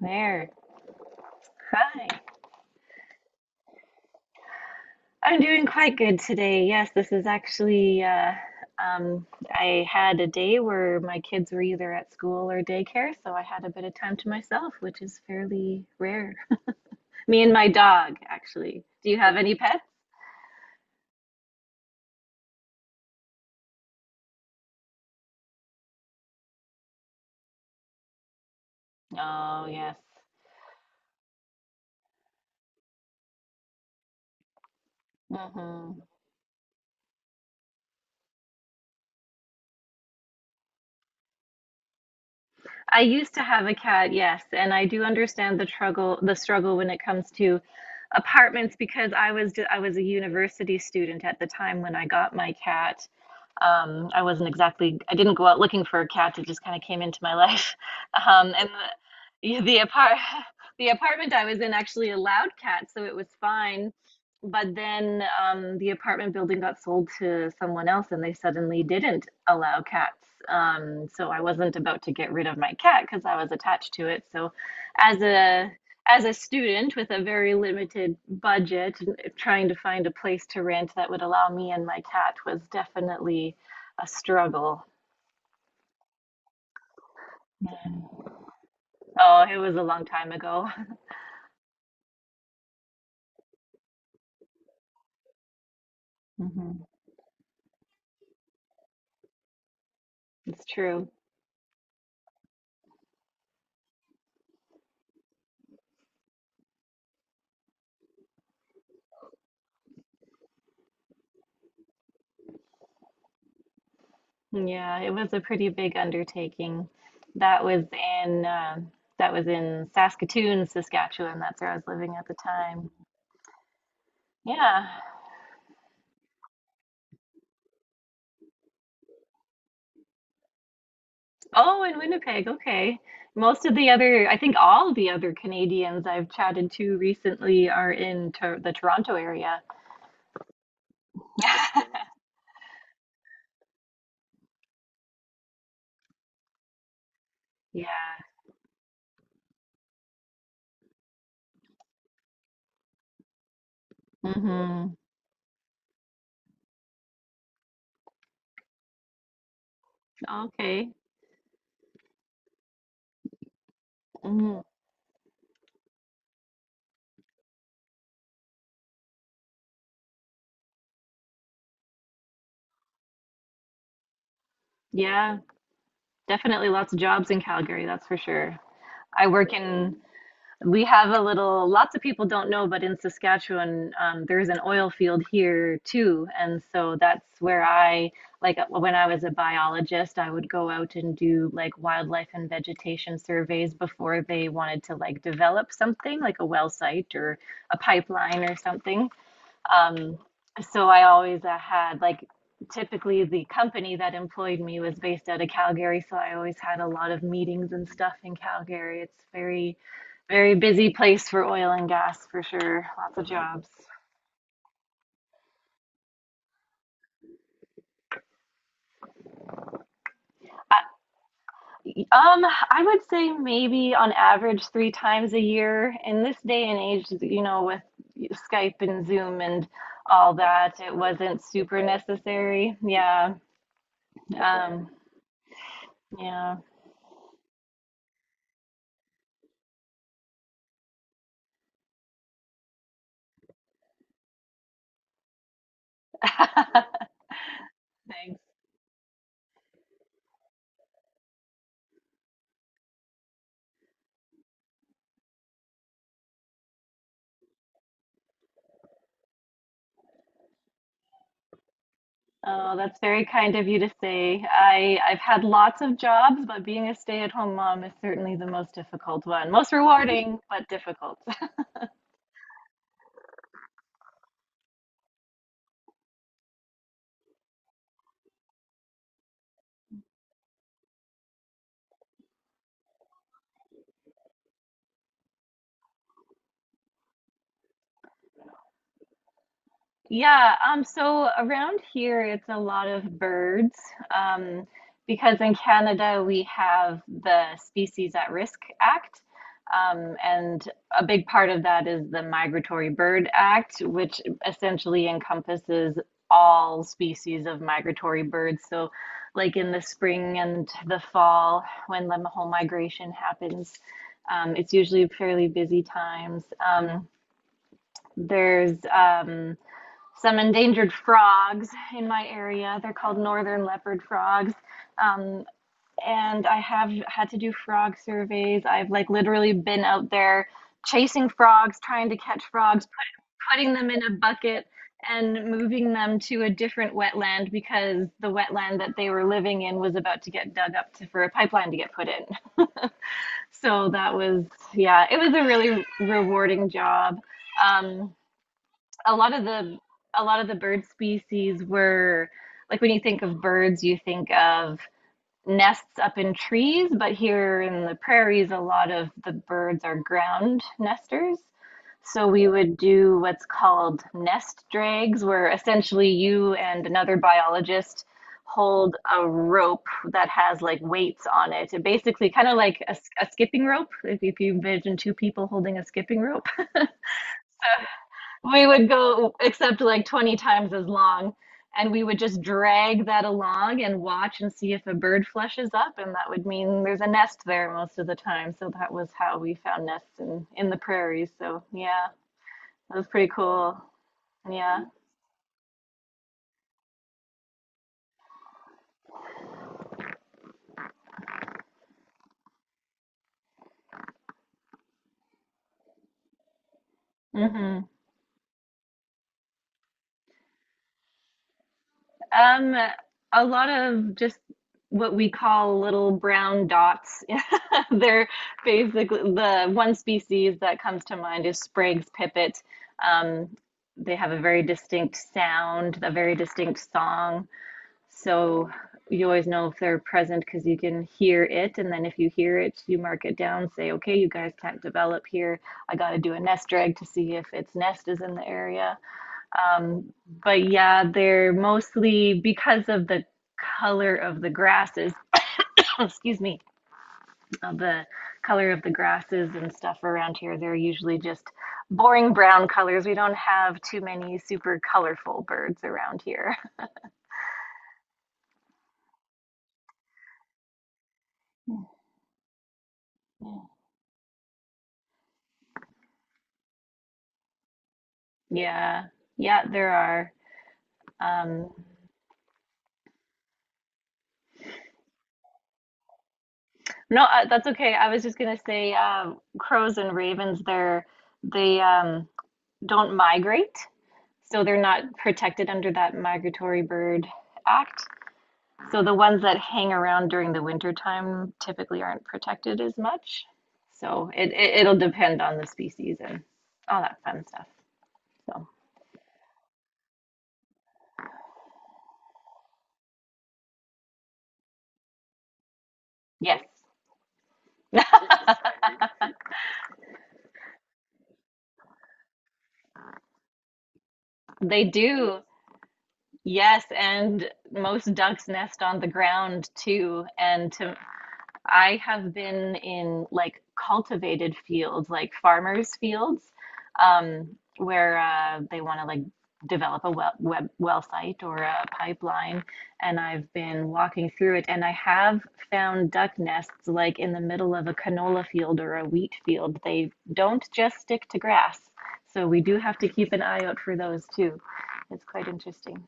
There. Hi. I'm doing quite good today. Yes, this is actually I had a day where my kids were either at school or daycare, so I had a bit of time to myself, which is fairly rare. Me and my dog, actually. Do you have any pets? Oh, yes. hmm I used to have a cat, yes, and I do understand the struggle when it comes to apartments because I was a university student at the time when I got my cat. I wasn't exactly, I didn't go out looking for a cat. It just kind of came into my life. And the, yeah, the apart, the apartment I was in actually allowed cats, so it was fine. But then the apartment building got sold to someone else, and they suddenly didn't allow cats. So I wasn't about to get rid of my cat because I was attached to it. So as a as a student with a very limited budget, trying to find a place to rent that would allow me and my cat was definitely a struggle. Oh, it was a long time ago. hmm It's true. Yeah, it was a pretty big undertaking. That was in uh, that was in Saskatoon, Saskatchewan. That's where I was living at the time. Yeah. Oh, in Winnipeg. Okay. Most of the other, I think all the other Canadians I've chatted to recently are in Tor the Toronto area. Yeah. hmm Okay. Mm, yeah, definitely lots of jobs in Calgary, that's for sure. I work in, we have a little, lots of people don't know, but in Saskatchewan, there's an oil field here too. And so that's where I, like when I was a biologist, I would go out and do like wildlife and vegetation surveys before they wanted to like develop something like a well site or a pipeline or something. Um, so I always had like typically the company that employed me was based out of Calgary, so I always had a lot of meetings and stuff in Calgary. It's very busy place for oil and gas for sure. Lots of jobs. I- Um, I would say maybe on average three times a year. In this day and age, you know, with Skype and Zoom and all that, it wasn't super necessary. Yeah. Um, yeah. Thanks. Oh, that's very kind of you to say. I've had lots of jobs, but being a stay-at-home mom is certainly the most difficult one. Most rewarding, but difficult. Yeah, so around here it's a lot of birds, um, because in Canada we have the Species at Risk Act, and a big part of that is the Migratory Bird Act, which essentially encompasses all species of migratory birds. So, like in the spring and the fall, when the whole migration happens, it's usually fairly busy times. There's some endangered frogs in my area. They're called northern leopard frogs. Um, and I have had to do frog surveys. I've like literally been out there chasing frogs, trying to catch frogs, putting them in a bucket and moving them to a different wetland because the wetland that they were living in was about to get dug up for a pipeline to get put in. So that was, yeah, it was a really rewarding job. Um, a lot of the a lot of the bird species were like when you think of birds, you think of nests up in trees, but here in the prairies, a lot of the birds are ground nesters. So we would do what's called nest drags, where essentially you and another biologist hold a rope that has like weights on it. It basically kind of like a skipping rope, if you imagine two people holding a skipping rope. We would go except like 20 times as long, and we would just drag that along and watch and see if a bird flushes up, and that would mean there's a nest there most of the time. So that was how we found nests in the prairies. So yeah, that was pretty cool. Yeah. hmm Um, a lot of just what we call little brown dots. They're basically the one species that comes to mind is Sprague's pipit. Um, they have a very distinct sound, a very distinct song. So you always know if they're present because you can hear it. And then if you hear it, you mark it down, say, okay, you guys can't develop here. I got to do a nest drag to see if its nest is in the area, um, but yeah, they're mostly because of the color of the grasses, excuse me, of the color of the grasses and stuff around here, they're usually just boring brown colors. We don't have too many super colorful birds around here. Yeah, yeah, there are. Um, no, that's okay. I was just gonna say, crows and ravens, they're they don't migrate. So they're not protected under that Migratory Bird Act. So the ones that hang around during the winter time typically aren't protected as much. So it'll depend on the species and all that fun stuff. So yes, they do. Yes, and most ducks nest on the ground too. And to I have been in like cultivated fields, like farmers' fields, where they want to like develop a well site or a pipeline. And I've been walking through it, and I have found duck nests like in the middle of a canola field or a wheat field. They don't just stick to grass, so we do have to keep an eye out for those too. It's quite interesting.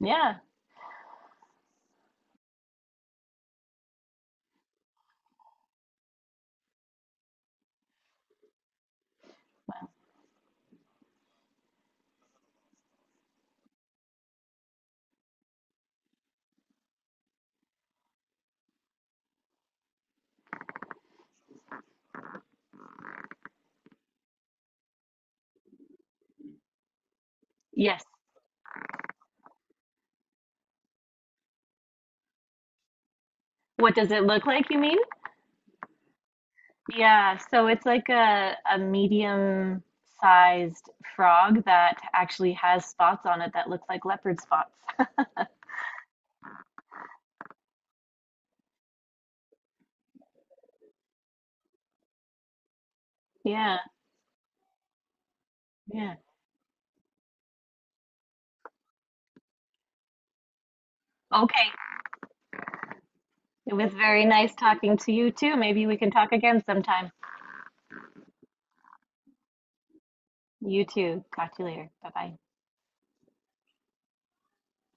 Yeah. Yes. What does it look like, you mean? Yeah, so it's like a medium sized frog that actually has spots on it that look like leopard spots. Yeah, yeah. Okay. It was very nice talking to you too. Maybe we can talk again sometime. You too. Talk to you later. Bye bye.